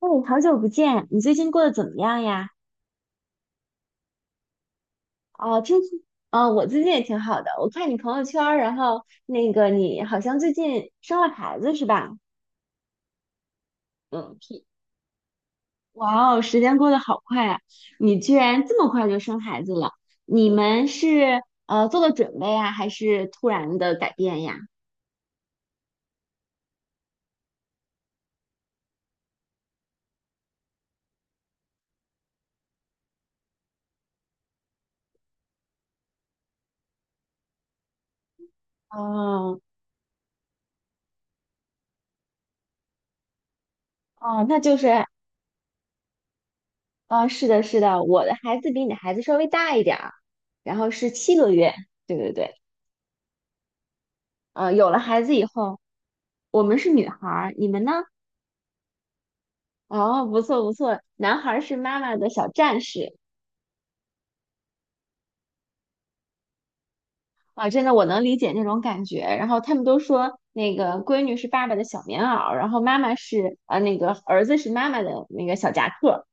哎，好久不见，你最近过得怎么样呀？哦，听说，哦，我最近也挺好的。我看你朋友圈儿然后那个你好像最近生了孩子是吧？嗯，是。哇哦，时间过得好快啊！你居然这么快就生孩子了？你们是做了准备啊，还是突然的改变呀？哦哦，那就是哦，是的，是的，我的孩子比你的孩子稍微大一点儿，然后是七个月。对对对。有了孩子以后，我们是女孩儿，你们呢？哦，不错不错，男孩儿是妈妈的小战士。啊，真的我能理解那种感觉。然后他们都说那个闺女是爸爸的小棉袄，然后妈妈是呃那个儿子是妈妈的那个小夹克。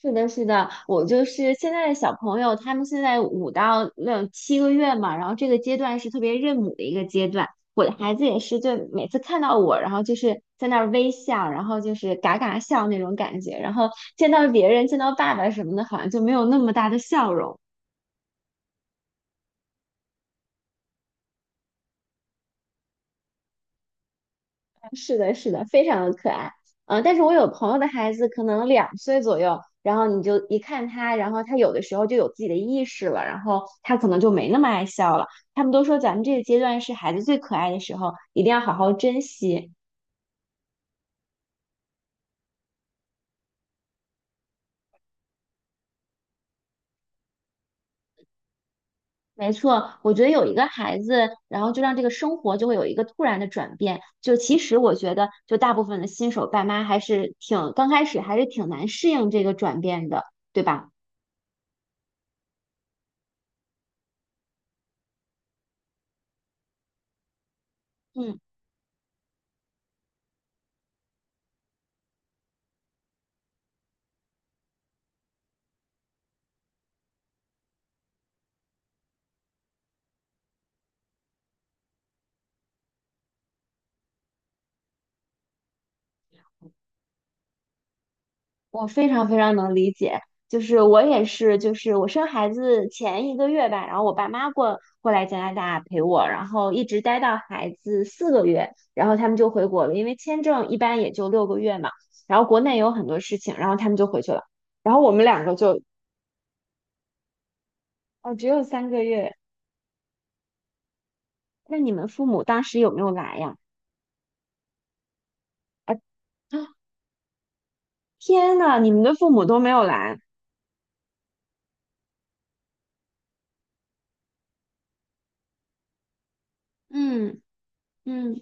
是的，是的，我就是现在的小朋友，他们现在五到六七个月嘛，然后这个阶段是特别认母的一个阶段。我的孩子也是，就每次看到我，然后就是在那儿微笑，然后就是嘎嘎笑那种感觉，然后见到别人，见到爸爸什么的，好像就没有那么大的笑容。是的，是的，非常的可爱。嗯，但是我有朋友的孩子可能2岁左右，然后你就一看他，然后他有的时候就有自己的意识了，然后他可能就没那么爱笑了。他们都说咱们这个阶段是孩子最可爱的时候，一定要好好珍惜。没错，我觉得有一个孩子，然后就让这个生活就会有一个突然的转变。就其实我觉得，就大部分的新手爸妈还是挺刚开始还是挺难适应这个转变的，对吧？嗯。我非常非常能理解，就是我也是，就是我生孩子前一个月吧，然后我爸妈过来加拿大陪我，然后一直待到孩子4个月，然后他们就回国了，因为签证一般也就6个月嘛，然后国内有很多事情，然后他们就回去了，然后我们两个就。哦，只有3个月，那你们父母当时有没有来呀？啊，天呐，你们的父母都没有来。嗯嗯，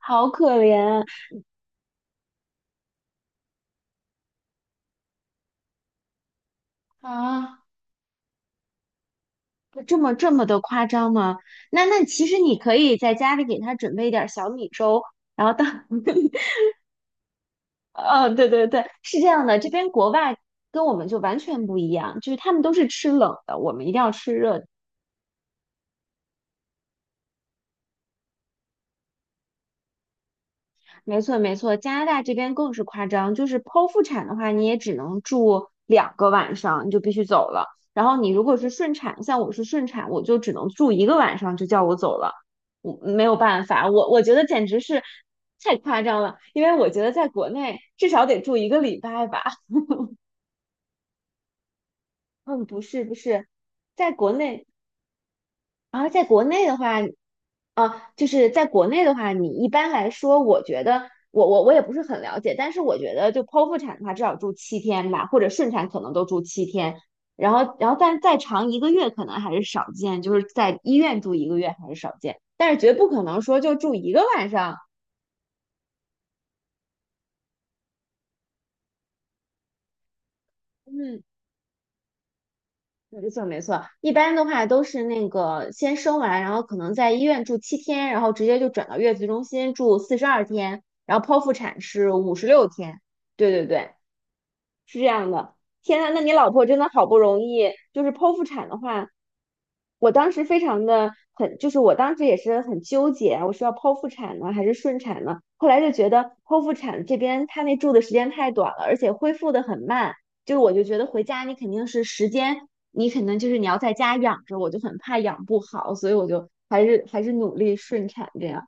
好可怜啊。这么的夸张吗？那那其实你可以在家里给他准备一点儿小米粥，然后当，嗯、对对对，是这样的，这边国外跟我们就完全不一样，就是他们都是吃冷的，我们一定要吃热的。没错，没错，加拿大这边更是夸张，就是剖腹产的话，你也只能住2个晚上，你就必须走了。然后你如果是顺产，像我是顺产，我就只能住一个晚上，就叫我走了，我没有办法，我觉得简直是太夸张了，因为我觉得在国内至少得住一个礼拜吧。嗯，不是不是，在国内，然后在国内的话，啊，就是在国内的话，你一般来说，我觉得我也不是很了解，但是我觉得就剖腹产的话，至少住七天吧，或者顺产可能都住七天，然后但再长一个月可能还是少见，就是在医院住一个月还是少见，但是绝不可能说就住一个晚上。嗯，没错没错，一般的话都是那个先生完，然后可能在医院住七天，然后直接就转到月子中心住42天，然后剖腹产是56天。对对对，是这样的，天呐，那你老婆真的好不容易，就是剖腹产的话，我当时非常的很，就是我当时也是很纠结啊，我是要剖腹产呢还是顺产呢？后来就觉得剖腹产这边他那住的时间太短了，而且恢复的很慢，就是我就觉得回家你肯定是时间，你可能就是你要在家养着，我就很怕养不好，所以我就还是努力顺产这样。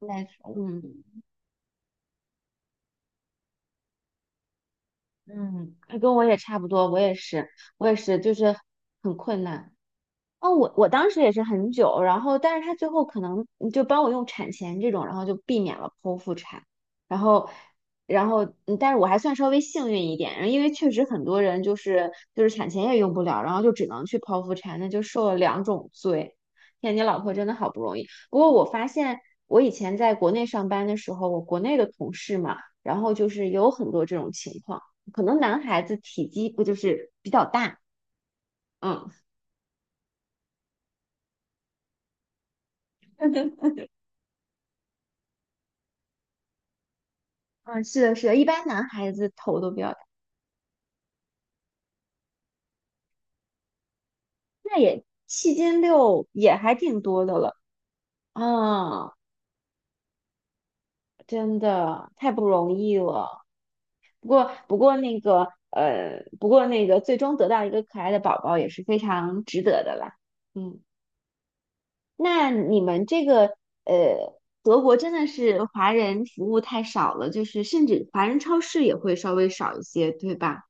来嗯，嗯，跟我也差不多，我也是，就是很困难。哦，我当时也是很久，然后但是他最后可能嗯就帮我用产前这种，然后就避免了剖腹产，然后然后但是我还算稍微幸运一点，然后因为确实很多人就是产前也用不了，然后就只能去剖腹产，那就受了两种罪。天，你老婆真的好不容易。不过我发现我以前在国内上班的时候，我国内的同事嘛，然后就是有很多这种情况，可能男孩子体积不就是比较大。嗯。嗯，是的，是的，一般男孩子头都比较大，那也7斤6也还挺多的了。啊，真的太不容易了。不过，最终得到一个可爱的宝宝也是非常值得的啦。嗯，那你们这个，呃，德国真的是华人服务太少了，就是甚至华人超市也会稍微少一些，对吧？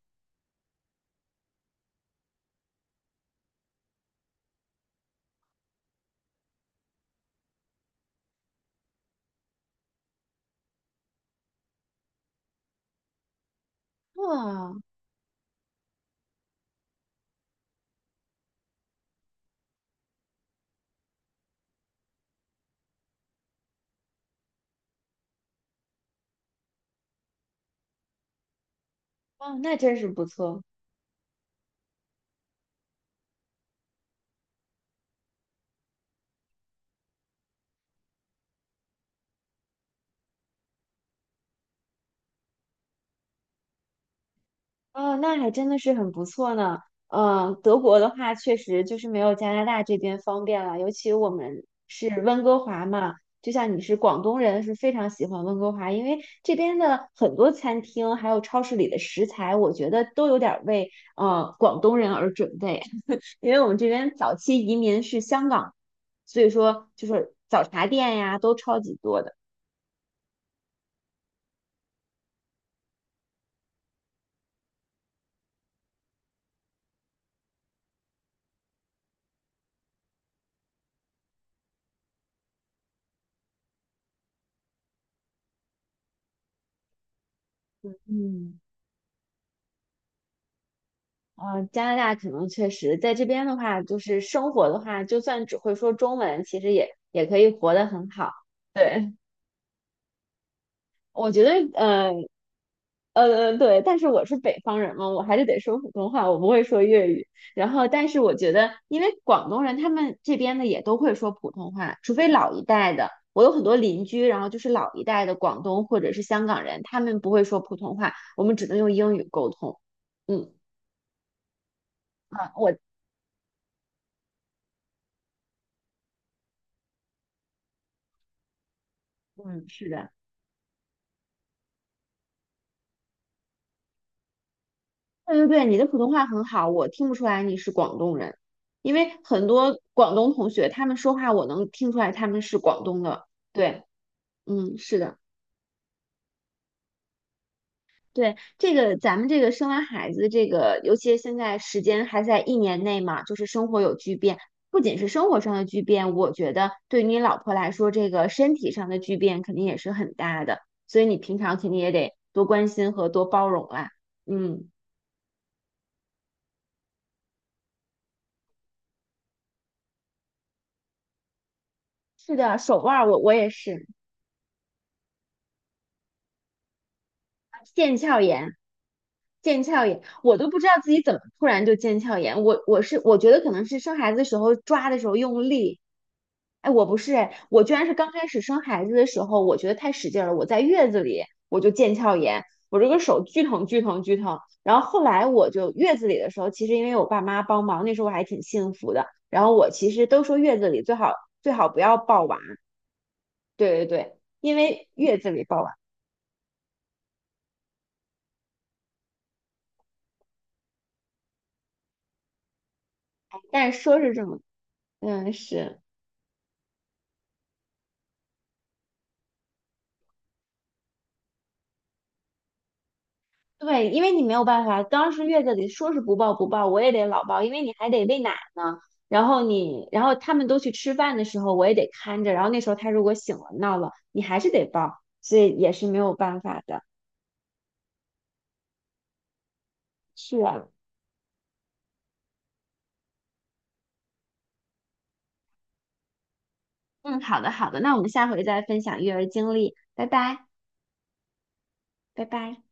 哇，哦，那真是不错。哦，那还真的是很不错呢。嗯，德国的话确实就是没有加拿大这边方便了，尤其我们是温哥华嘛，就像你是广东人，是非常喜欢温哥华，因为这边的很多餐厅还有超市里的食材，我觉得都有点儿为广东人而准备，因为我们这边早期移民是香港，所以说就是早茶店呀都超级多的。嗯。呃，加拿大可能确实在这边的话，就是生活的话，就算只会说中文，其实也也可以活得很好。对，我觉得，对，但是我是北方人嘛，我还是得说普通话，我不会说粤语。然后，但是我觉得，因为广东人他们这边的也都会说普通话，除非老一代的，我有很多邻居，然后就是老一代的广东或者是香港人，他们不会说普通话，我们只能用英语沟通。嗯，啊，我，嗯，是的。对对对，你的普通话很好，我听不出来你是广东人，因为很多广东同学他们说话，我能听出来他们是广东的。对，嗯，是的，对，这个咱们这个生完孩子，这个尤其现在时间还在一年内嘛，就是生活有巨变，不仅是生活上的巨变，我觉得对于你老婆来说，这个身体上的巨变肯定也是很大的，所以你平常肯定也得多关心和多包容啦。嗯，是的，手腕儿我也是腱鞘炎。腱鞘炎，我都不知道自己怎么突然就腱鞘炎。我是我觉得可能是生孩子的时候抓的时候用力，哎，我不是哎，我居然是刚开始生孩子的时候，我觉得太使劲了，我在月子里我就腱鞘炎，我这个手巨疼巨疼巨疼。然后后来我就月子里的时候，其实因为我爸妈帮忙，那时候我还挺幸福的。然后我其实都说月子里最好最好不要抱娃，对对对，因为月子里抱娃，但是说是这么，嗯是。对，因为你没有办法，当时月子里说是不抱不抱，我也得老抱，因为你还得喂奶呢。然后你，然后他们都去吃饭的时候，我也得看着。然后那时候他如果醒了闹了，你还是得抱，所以也是没有办法的。是啊，嗯，好的好的，那我们下回再分享育儿经历，拜拜，拜拜。